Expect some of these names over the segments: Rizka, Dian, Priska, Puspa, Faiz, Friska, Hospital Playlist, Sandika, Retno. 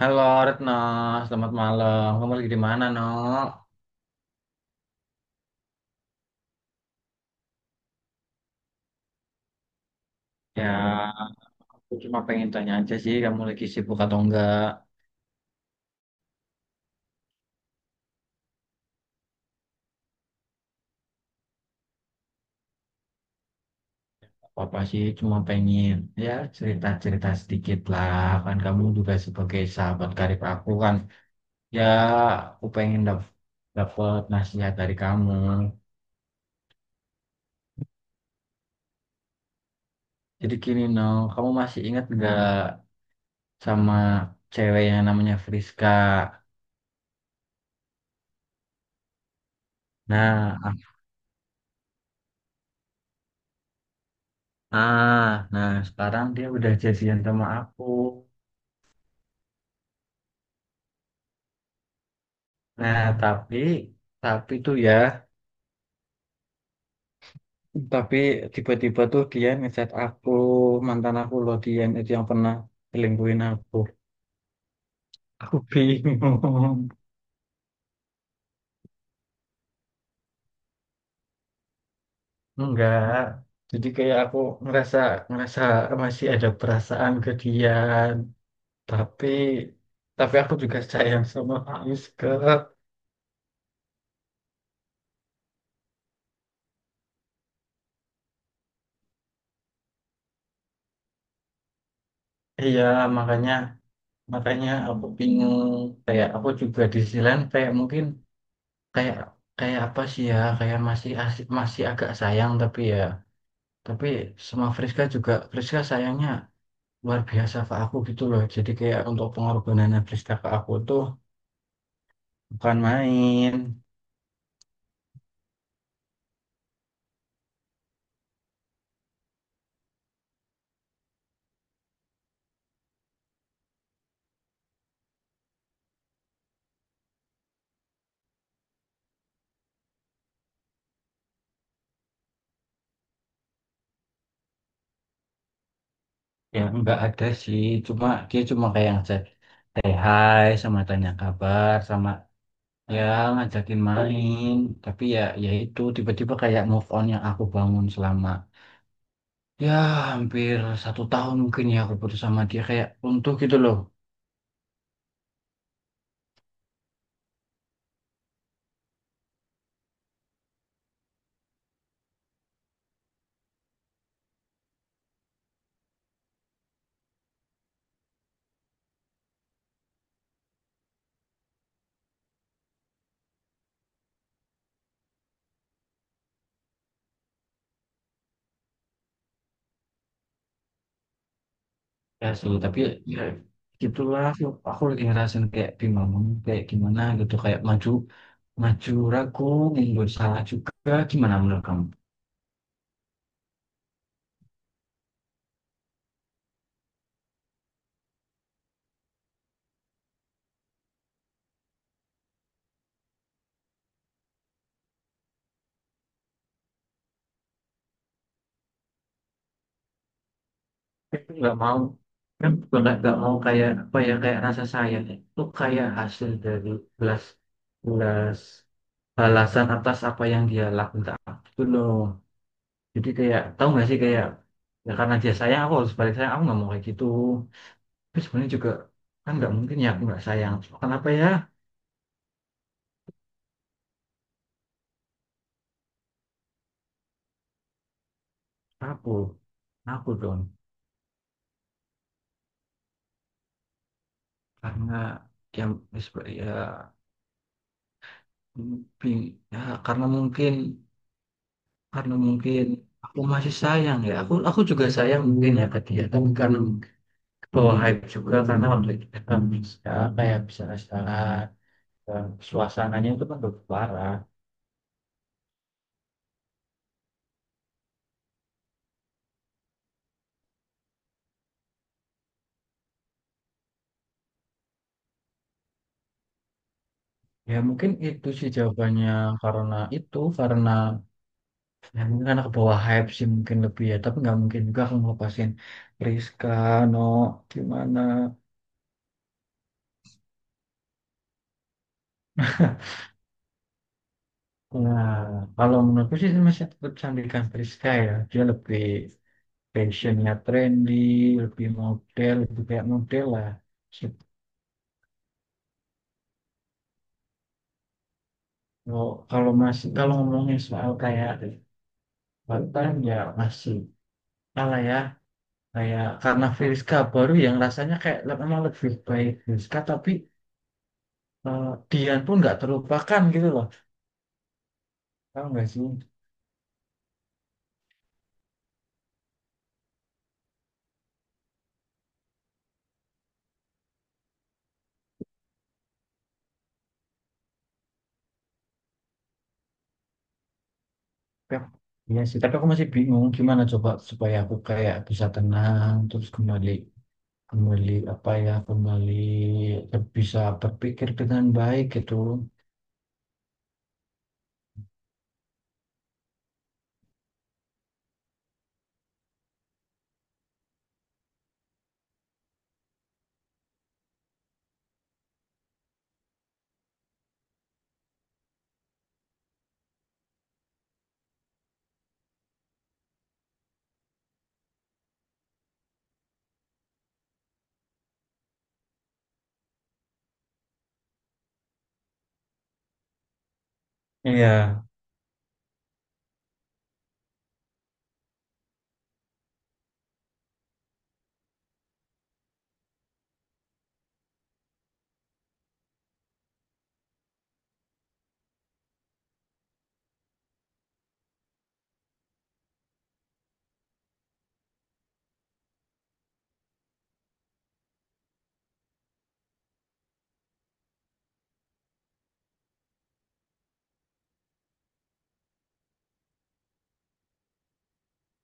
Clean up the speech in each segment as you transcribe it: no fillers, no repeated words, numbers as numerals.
Halo Retno, selamat malam. Kamu lagi di mana, No? Ya, aku cuma pengen tanya aja sih, kamu lagi sibuk atau enggak? Apa sih, cuma pengen ya cerita-cerita sedikit lah. Kan kamu juga sebagai sahabat karib aku kan. Ya, aku pengen dapet nasihat dari kamu. Jadi gini, No, kamu masih ingat enggak sama cewek yang namanya Friska? Nah, ah, nah, sekarang dia udah jadian sama aku. Nah, tapi tuh ya, tapi tiba-tiba tuh dia ngechat aku. Mantan aku loh, dia itu yang pernah selingkuhin aku. Aku bingung. Enggak. Jadi kayak aku ngerasa ngerasa masih ada perasaan ke dia, tapi tapi aku juga sayang sama Faiz ke Iya, makanya makanya aku bingung. Kayak aku juga di sisi lain kayak mungkin kayak kayak apa sih ya, kayak masih asik, masih agak sayang, tapi sama Friska juga, Friska sayangnya luar biasa ke aku gitu loh. Jadi kayak untuk pengorbanannya Friska ke aku tuh bukan main. Ya nggak ada sih, cuma dia kayak ngajak hey, hai, sama tanya kabar, sama, ya, ngajakin main. Tapi, ya, itu tiba-tiba kayak move on yang aku bangun selama, ya, hampir satu tahun mungkin, ya, aku putus sama dia kayak runtuh gitu loh. Ya sih, tapi ya gitulah aku, lagi ngerasain kayak bingung kayak gimana gitu, kayak maju, maju ragu, nggak salah juga, gimana menurut kamu? Aku nggak mau, kan, nggak mau kayak apa ya, kayak rasa sayang itu kayak hasil dari belas belas balasan atas apa yang dia lakukan, itu loh. Jadi kayak, tahu nggak sih, kayak, ya karena dia sayang, aku harus balik sayang, aku nggak mau kayak gitu. Tapi sebenarnya juga kan nggak mungkin ya aku nggak sayang. Kenapa ya? Aku aku dong. Karena yang disp- ya, bing- ya, karena mungkin karena mungkin aku masih sayang ya aku juga sayang mungkin ya ke dia. Tapi karena bawa hype juga, karena waktu itu kita bisa suasananya itu kan lebih parah. Ya mungkin itu sih jawabannya. Karena itu, karena ya mungkin karena ke bawah hype sih mungkin lebih, ya. Tapi nggak mungkin juga aku ngelepasin Rizka, No. Gimana Nah, kalau menurutku sih masih tetap Sandika Friska, ya. Dia lebih fashionnya trendy, lebih model, lebih kayak model lah. Gitu. Kalau ngomongin soal kayak Banten ya masih kalah, ya. Kayak karena Friska baru yang rasanya kayak memang lebih baik Friska, tapi eh, Dian pun nggak terlupakan gitu loh. Tahu nggak sih? Ya, iya sih, tapi aku masih bingung gimana coba supaya aku kayak bisa tenang terus kembali kembali apa ya kembali ber- bisa berpikir dengan baik gitu. Iya,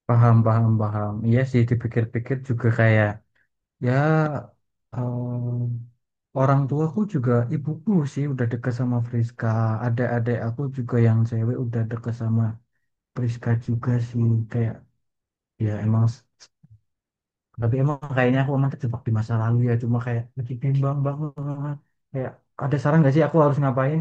paham, paham, paham. Iya sih, dipikir-pikir juga kayak, ya, em, orang tuaku juga, ibuku sih udah deket sama Friska. Adik-adik aku juga yang cewek udah deket sama Friska juga sih. Kayak, ya emang, tapi emang kayaknya aku emang terjebak di masa lalu, ya. Cuma kayak, lagi bimbang banget. Kayak, ada saran gak sih aku harus ngapain?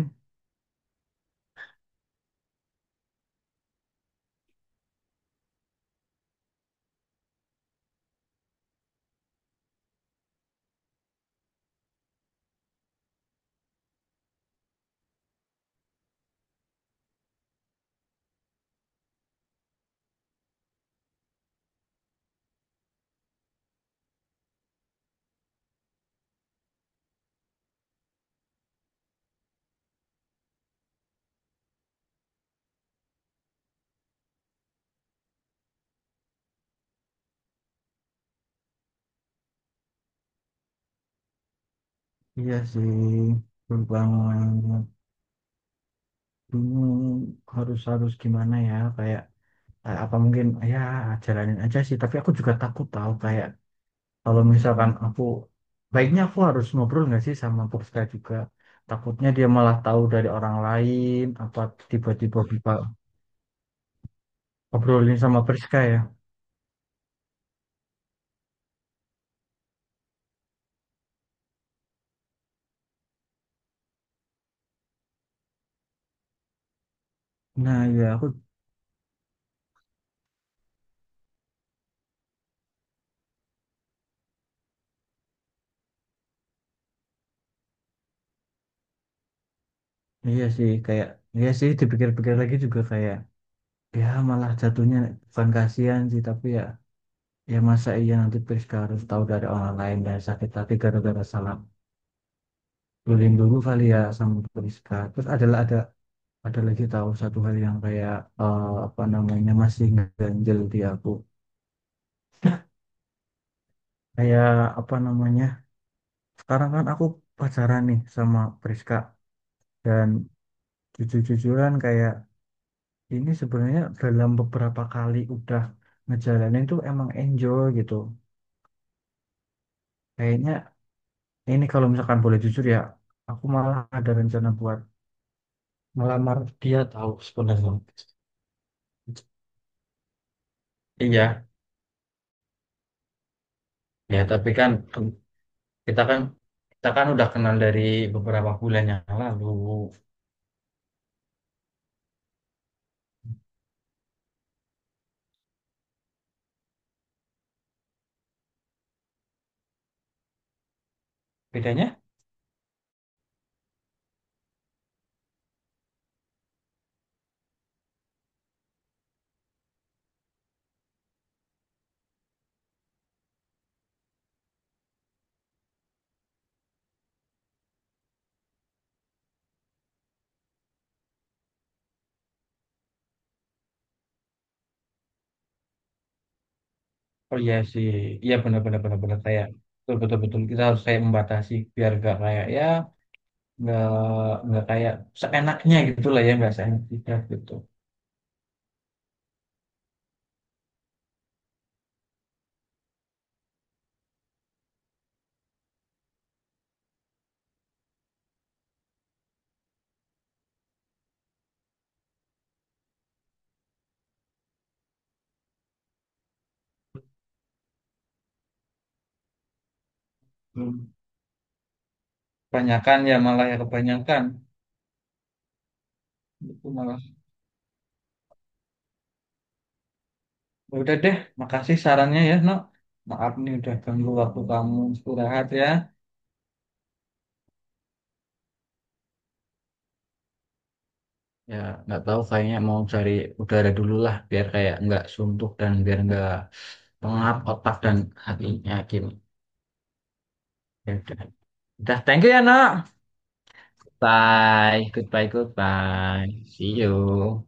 Iya sih, berbangun bingung harus harus gimana ya, kayak, apa mungkin, ya jalanin aja sih. Tapi aku juga takut, tahu, kayak kalau misalkan aku, baiknya aku harus ngobrol nggak sih sama Puspa juga. Takutnya dia malah tahu dari orang lain, apa tiba-tiba buka obrolin sama Priska, ya. Nah, ya aku iya sih, kayak iya sih, dipikir-pikir lagi juga kayak, ya malah jatuhnya bukan kasihan sih, tapi ya. Ya masa iya nanti Priska harus tahu dari orang lain dan sakit hati gara-gara salah bullying dulu kali ya sama Priska. Terus ada lagi, tahu, satu hal yang kayak, apa namanya, masih ganjel di aku. Kayak apa namanya? Sekarang kan aku pacaran nih sama Priska, dan jujur-jujuran kayak ini sebenarnya dalam beberapa kali udah ngejalanin tuh emang enjoy gitu. Kayaknya ini kalau misalkan boleh jujur ya, aku malah ada rencana buat melamar dia, tahu, sebenarnya. Iya, ya tapi kan kita kan kita kan udah kenal dari beberapa bulan yang lalu. Bedanya, oh iya sih, iya benar-benar kayak, betul-betul betul kita harus kayak membatasi, biar gak kayak, ya, nggak nggak kayak seenaknya gitu lah, ya nggak seenak kita gitu. Hmm. Kebanyakan ya malah, ya kebanyakan itu malah. Ya udah deh, makasih sarannya ya, Nok. Maaf nih udah ganggu waktu kamu istirahat, ya. Ya, nggak tahu kayaknya mau cari udara dulu lah biar kayak nggak suntuk dan biar nggak pengap otak dan hatinya gini. Ya udah. Udah, thank you ya, Nok. Bye. Goodbye, goodbye. See you.